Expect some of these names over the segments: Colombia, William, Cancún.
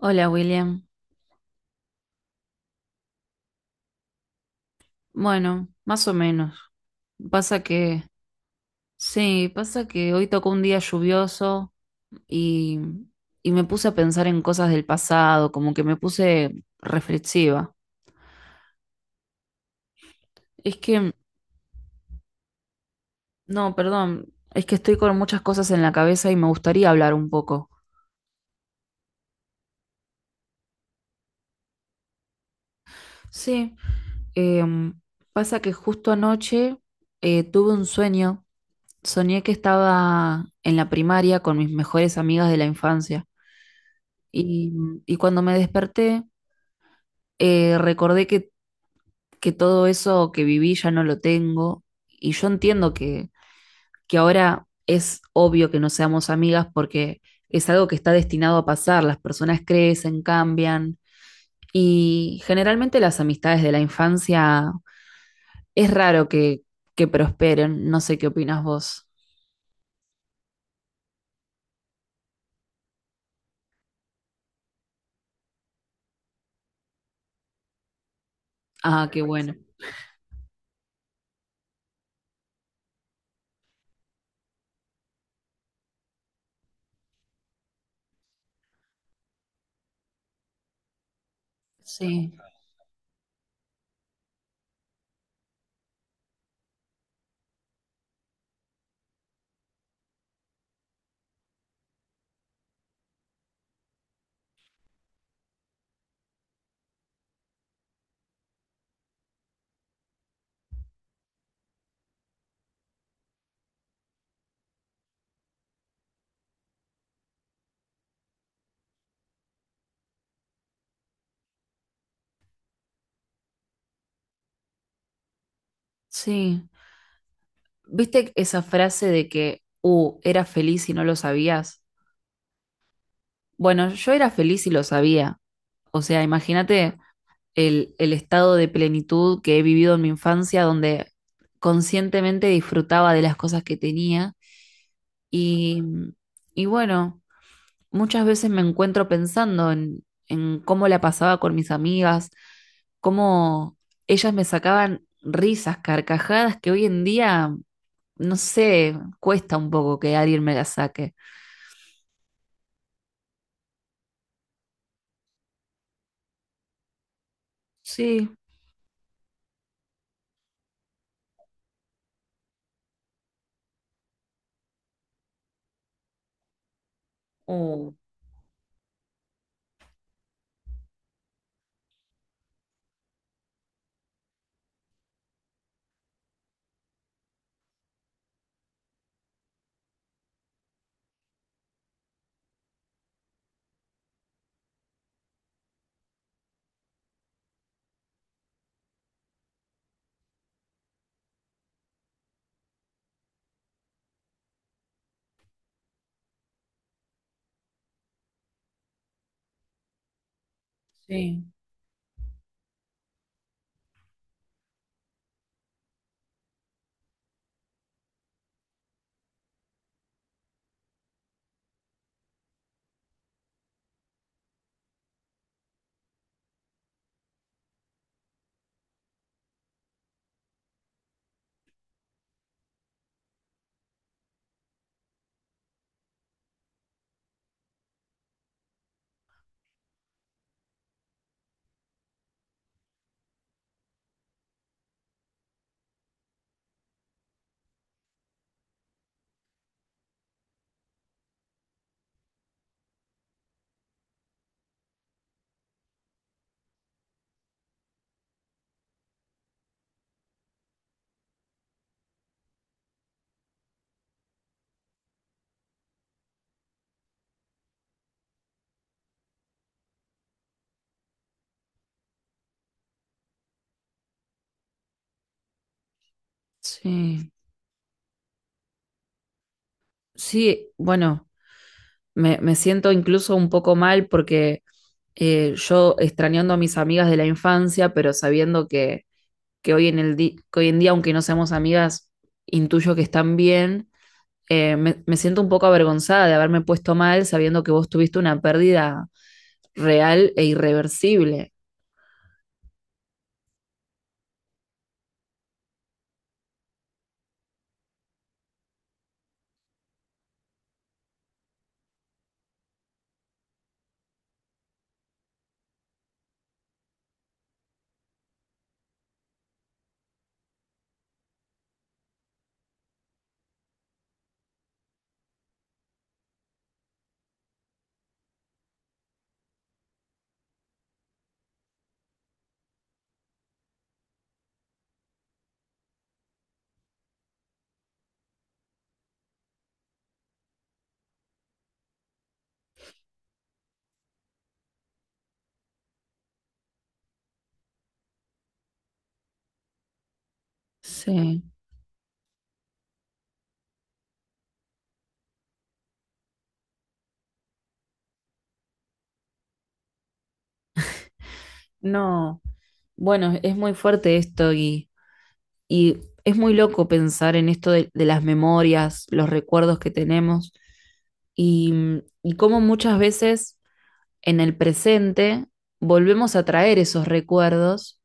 Hola William. Bueno, más o menos. Pasa que, sí, pasa que hoy tocó un día lluvioso y, y me puse a pensar en cosas del pasado, como que me puse reflexiva. Es que, no, perdón, es que estoy con muchas cosas en la cabeza y me gustaría hablar un poco. Sí, em, pasa que justo anoche tuve un sueño. Soñé que estaba en la primaria con mis mejores amigas de la infancia. Y, y cuando me desperté, recordé que todo eso que viví ya no lo tengo y yo entiendo que ahora es obvio que no seamos amigas porque es algo que está destinado a pasar, las personas crecen, cambian y generalmente las amistades de la infancia es raro que prosperen, no sé qué opinas vos. Ah, qué bueno. Sí, sí. ¿Viste esa frase de que, eras feliz y no lo sabías? Bueno, yo era feliz y lo sabía. O sea, imagínate el estado de plenitud que he vivido en mi infancia, donde conscientemente disfrutaba de las cosas que tenía. Y, y bueno, muchas veces me encuentro pensando en cómo la pasaba con mis amigas, cómo ellas me sacaban risas, carcajadas, que hoy en día, no sé, cuesta un poco que alguien me las saque. Sí. Oh, sí. Sí. Sí, bueno, me siento incluso un poco mal porque yo extrañando a mis amigas de la infancia, pero sabiendo que hoy en el que hoy en día, aunque no seamos amigas, intuyo que están bien, me siento un poco avergonzada de haberme puesto mal sabiendo que vos tuviste una pérdida real e irreversible. Sí, no, bueno, es muy fuerte esto. Y es muy loco pensar en esto de las memorias, los recuerdos que tenemos y, y cómo muchas veces en el presente volvemos a traer esos recuerdos.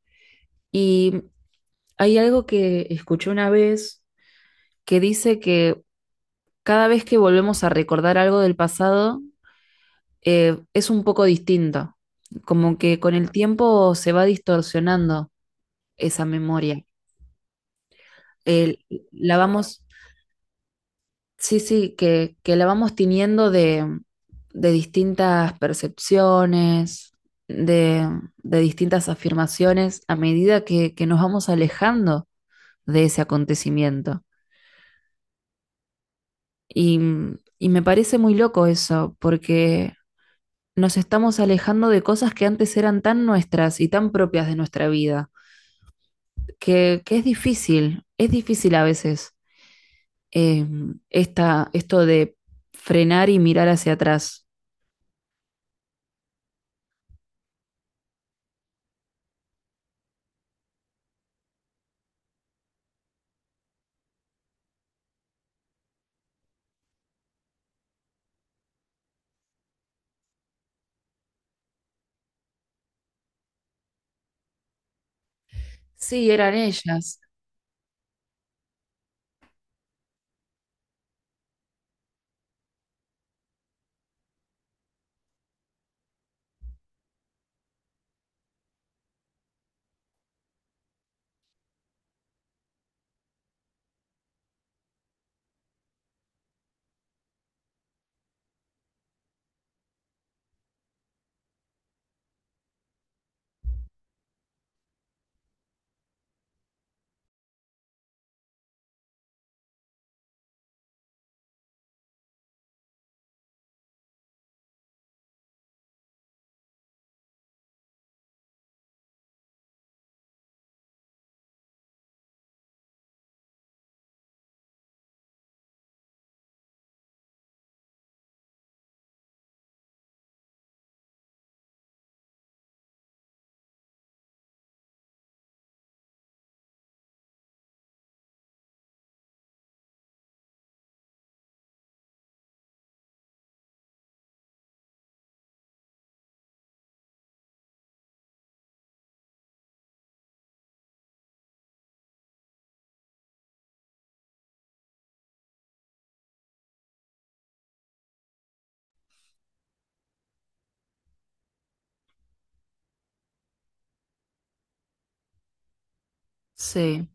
Y hay algo que escuché una vez que dice que cada vez que volvemos a recordar algo del pasado, es un poco distinto, como que con el tiempo se va distorsionando esa memoria. Eh, la vamos Sí, sí, que la vamos teniendo de distintas percepciones, de, de distintas afirmaciones a medida que nos vamos alejando de ese acontecimiento. Y, y me parece muy loco eso, porque nos estamos alejando de cosas que antes eran tan nuestras y tan propias de nuestra vida, que es difícil a veces, eh, esto de frenar y mirar hacia atrás. Sí, eran ellas. Sí.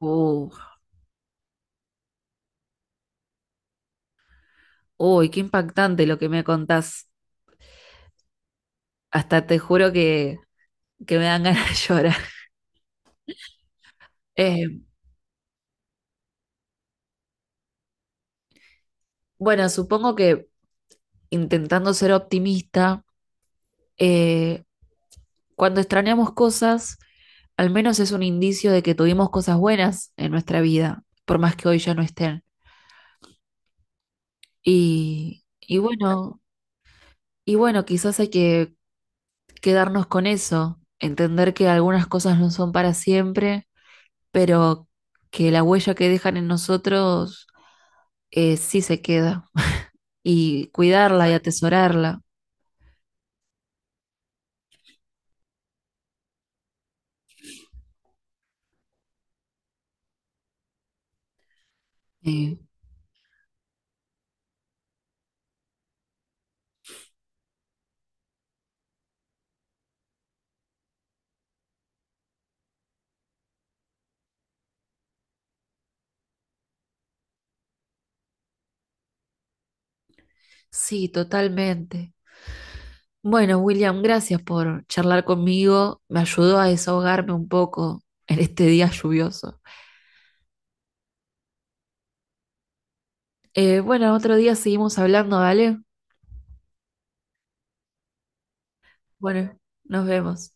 Uh, uy, qué impactante lo que me contás. Hasta te juro que me dan ganas de llorar. Eh, bueno, supongo que intentando ser optimista, eh, cuando extrañamos cosas, al menos es un indicio de que tuvimos cosas buenas en nuestra vida, por más que hoy ya no estén. Y, y bueno, y bueno, quizás hay que quedarnos con eso, entender que algunas cosas no son para siempre, pero que la huella que dejan en nosotros, sí se queda, y cuidarla y atesorarla. Eh, sí, totalmente. Bueno, William, gracias por charlar conmigo. Me ayudó a desahogarme un poco en este día lluvioso. Bueno, otro día seguimos hablando, ¿vale? Bueno, nos vemos.